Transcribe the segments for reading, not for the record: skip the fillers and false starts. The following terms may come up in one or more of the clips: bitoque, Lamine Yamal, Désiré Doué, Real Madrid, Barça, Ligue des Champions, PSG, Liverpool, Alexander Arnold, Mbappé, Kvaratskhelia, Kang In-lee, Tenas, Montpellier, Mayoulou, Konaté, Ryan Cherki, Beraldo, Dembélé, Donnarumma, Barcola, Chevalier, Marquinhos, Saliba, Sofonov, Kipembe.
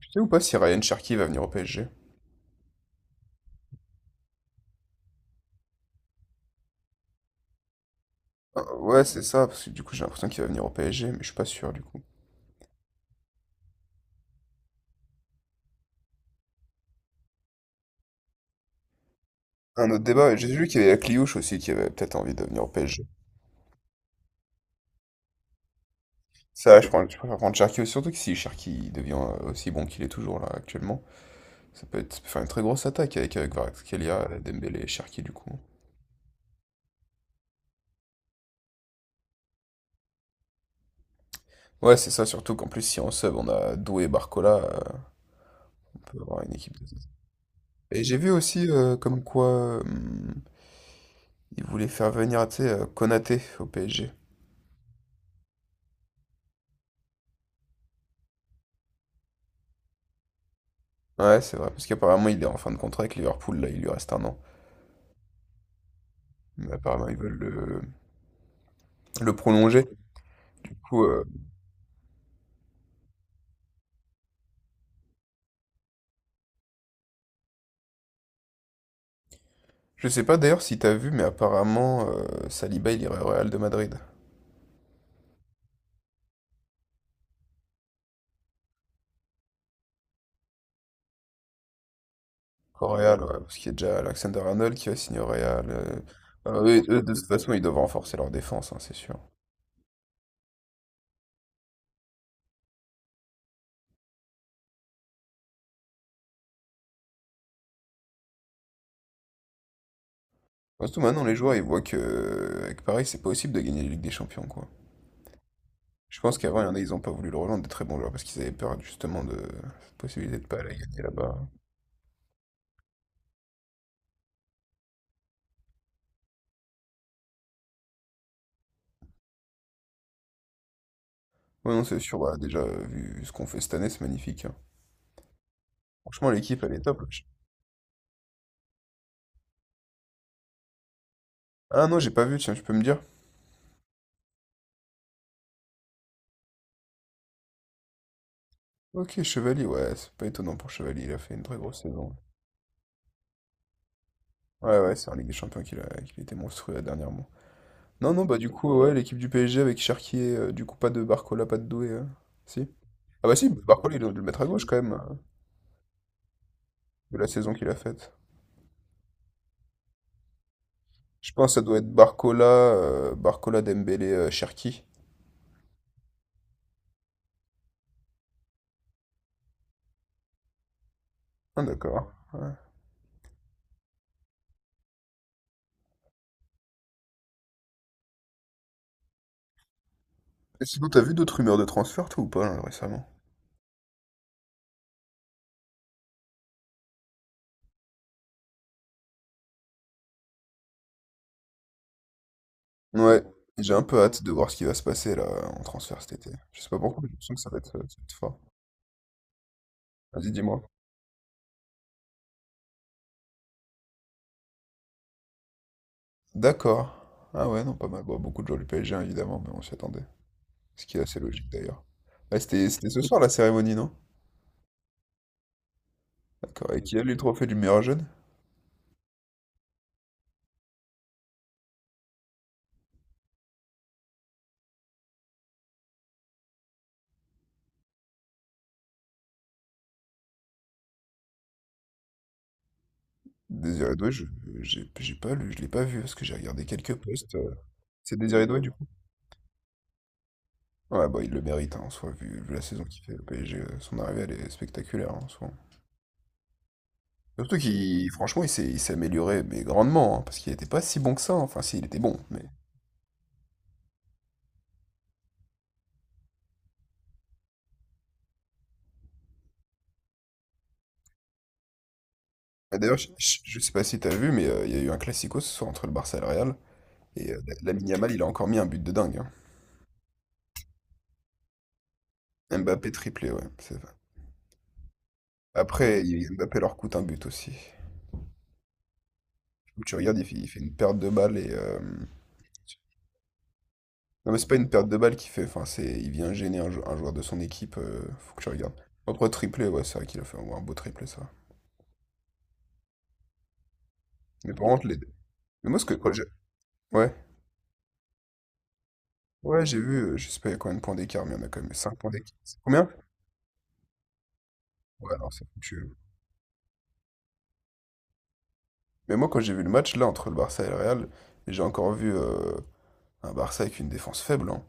Tu sais ou pas si Ryan Cherky va venir au PSG? Ah, ouais, c'est ça, parce que du coup j'ai l'impression qu'il va venir au PSG, mais je suis pas sûr du coup. Un autre débat, j'ai vu qu'il y avait la Cliouche aussi qui avait peut-être envie de venir au PSG. Je préfère prendre Cherki, surtout que si Cherki devient aussi bon qu'il est toujours là actuellement, ça peut faire une très grosse attaque avec Kvaratskhelia, Dembélé et Cherki du coup. Ouais, c'est ça, surtout qu'en plus, si en sub on a Doué et Barcola, on peut avoir une équipe de… Et j'ai vu aussi comme quoi ils voulaient faire venir, tu sais, Konaté au PSG. Ouais, c'est vrai, parce qu'apparemment il est en fin de contrat avec Liverpool, là, il lui reste 1 an. Mais apparemment ils veulent le prolonger. Du coup, euh, je sais pas d'ailleurs si t'as vu, mais apparemment Saliba il irait au Real de Madrid. Au Real, ouais, parce qu'il y a déjà Alexander Arnold qui va signer au Real. Alors, eux, de toute façon, ils doivent renforcer leur défense, hein, c'est sûr. Surtout maintenant, les joueurs ils voient que avec Paris c'est pas possible de gagner la Ligue des Champions, quoi. Je pense qu'avant, il y en a, ils ont pas voulu le rejoindre des très bons joueurs parce qu'ils avaient peur justement de cette possibilité de pas aller gagner là-bas. Ouais, non, c'est sûr. Bah, déjà, vu ce qu'on fait cette année, c'est magnifique, hein. Franchement, l'équipe, elle est top là. Ah non, j'ai pas vu, tiens, tu peux me dire? Ok, Chevalier, ouais, c'est pas étonnant pour Chevalier, il a fait une très grosse saison. Ouais, c'est en Ligue des Champions qu'il était monstrueux là, dernièrement. Non, non, bah du coup, ouais, l'équipe du PSG avec Cherki, du coup, pas de Barcola, pas de Doué, si? Ah bah si, Barcola, il doit le mettre à gauche quand même, de la saison qu'il a faite. Je pense que ça doit être Barcola, Barcola, Dembélé, Cherki. Ah d'accord, ouais. Et sinon, t'as vu d'autres rumeurs de transfert, toi, ou pas, là, récemment? Ouais, j'ai un peu hâte de voir ce qui va se passer là en transfert cet été. Je sais pas pourquoi, mais j'ai l'impression que ça va être fort. Vas-y, dis-moi. D'accord. Ah ouais, non, pas mal. Bon, beaucoup de joueurs du PSG, hein, évidemment, mais on s'y attendait. Ce qui est assez logique d'ailleurs. Ouais, c'était ce soir la cérémonie, non? D'accord. Et qui a eu le trophée du meilleur jeune? Désiré Doué, j'ai pas lu, je l'ai pas vu parce que j'ai regardé quelques posts. C'est Désiré Doué du coup? Ouais, bah il le mérite hein, en soi, vu la saison qu'il fait. Le PSG, son arrivée elle est spectaculaire hein, en soi. Surtout qu'il, franchement, il s'est amélioré, mais grandement, hein, parce qu'il était pas si bon que ça, hein. Enfin, si, il était bon, mais… Ah, d'ailleurs, je sais pas si t'as vu, mais il y a eu un classico ce soir entre le Barça et le Real, et la Lamine Yamal, il a encore mis un but de dingue, hein. Mbappé triplé, ouais, c'est vrai. Après, Mbappé leur coûte un but aussi. Où tu regardes, il fait une perte de balle, et… non, mais c'est pas une perte de balle qu'il fait, enfin, c'est… Il vient gêner un joueur de son équipe, faut que tu regardes. Après, triplé, ouais, c'est vrai qu'il a fait un beau triplé, ça. Mais par contre, les… Mais moi, ce que… quand j'ai- ouais. Ouais, j'ai vu, je sais pas, il y a combien de points d'écart, mais il y en a quand même 5 points d'écart. C'est combien? Ouais, non, c'est foutu. Mais moi, quand j'ai vu le match, là, entre le Barça et le Real, j'ai encore vu un Barça avec une défense faible, hein.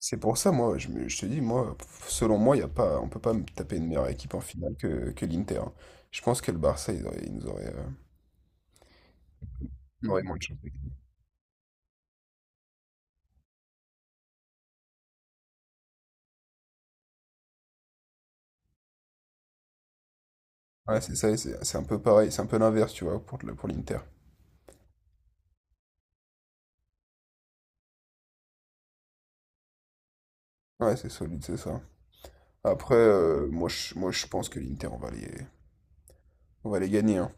C'est pour ça, je te dis, moi, selon moi, y a pas, on peut pas me taper une meilleure équipe en finale que l'Inter, hein. Je pense que le Barça, ils nous auraient, ils auraient moins de chance de gagner. Ouais, c'est ça, et c'est un peu pareil, c'est un peu l'inverse, tu vois, pour l'Inter. Ouais, c'est solide, c'est ça. Après, moi, je pense que l'Inter, on va les gagner, hein.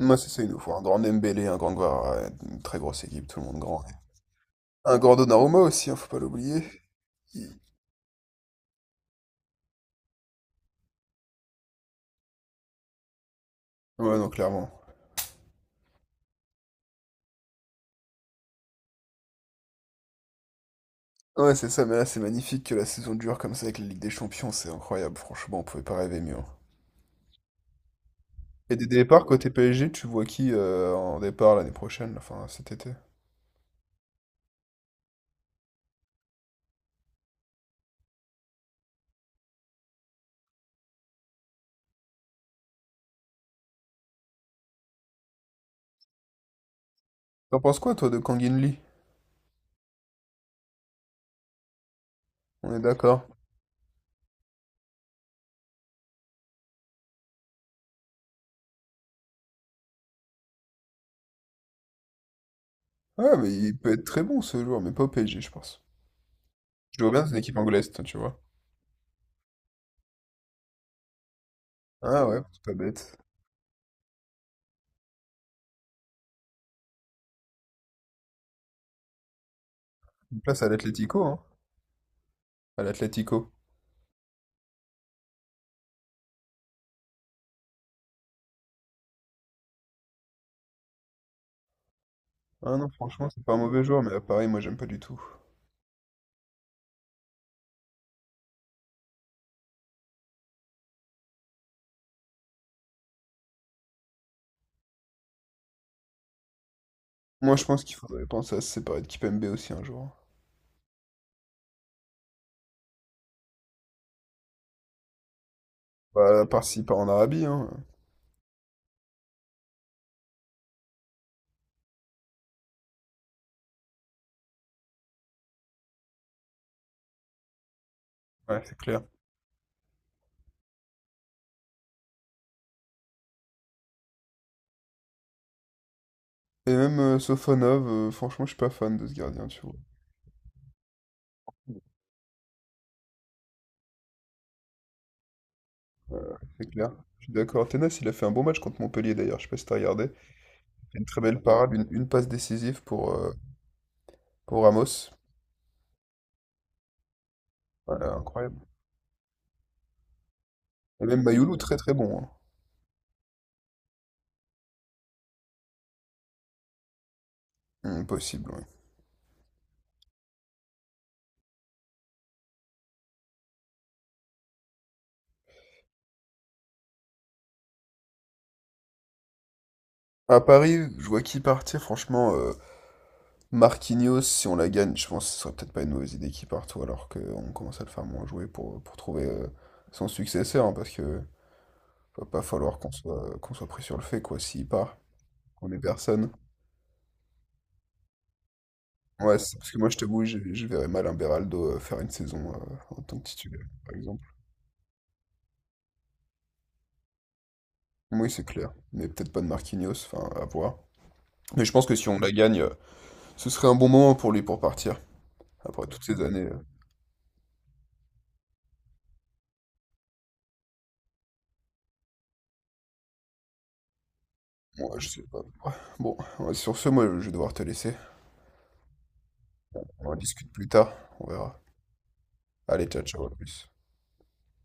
Moi, c'est ça, il nous faut un grand Dembélé, un grand Guevara, une très grosse équipe, tout le monde grand. Un grand Donnarumma aussi, hein, faut pas l'oublier. Il- ouais, non, clairement. Ouais, c'est ça, mais là, c'est magnifique que la saison dure comme ça avec la Ligue des Champions, c'est incroyable, franchement, on pouvait pas rêver mieux, hein. Et des départs côté PSG, tu vois qui en départ l'année prochaine, là, enfin cet été? T'en penses quoi, toi, de Kang In-lee? On est d'accord. Ouais, mais il peut être très bon ce joueur, mais pas au PSG, je pense. Je vois bien, c'est une équipe anglaise, toi, tu vois. Ah ouais, c'est pas bête. Une place à l'Atlético, hein. À l'Atlético. Ah non, franchement, c'est pas un mauvais joueur, mais pareil, moi j'aime pas du tout. Moi je pense qu'il faudrait penser à se séparer de Kipembe aussi un jour. Bah, à part s'il part en Arabie, hein. Ouais, c'est clair. Et même Sofonov, franchement, je suis pas fan de ce gardien, tu vois. Ouais, c'est clair. Je suis d'accord. Tenas, il a fait un bon match contre Montpellier d'ailleurs, je sais pas si t'as regardé. Il a une très belle parade, une passe décisive pour Ramos. Ouais, incroyable. Et même Mayoulou, très très bon, hein. Impossible, ouais. À Paris, je vois qui partir, franchement, Marquinhos, si on la gagne, je pense que ce serait peut-être pas une mauvaise idée qu'il parte, ou alors qu'on commence à le faire moins jouer pour trouver son successeur, hein, parce que va pas falloir qu'on soit pris sur le fait, quoi, s'il part, qu'on est personne. Parce que moi, je t'avoue, je verrais mal un Beraldo faire une saison en tant que titulaire, par exemple. Oui, c'est clair, mais peut-être pas de Marquinhos, enfin, à voir. Mais je pense que si on la gagne, ce serait un bon moment pour lui pour partir, après toutes ces années. Moi, je sais pas. Ouais, bon, ouais, sur ce, moi, je vais devoir te laisser. On en discute plus tard, on verra. Allez, ciao, ciao, à plus.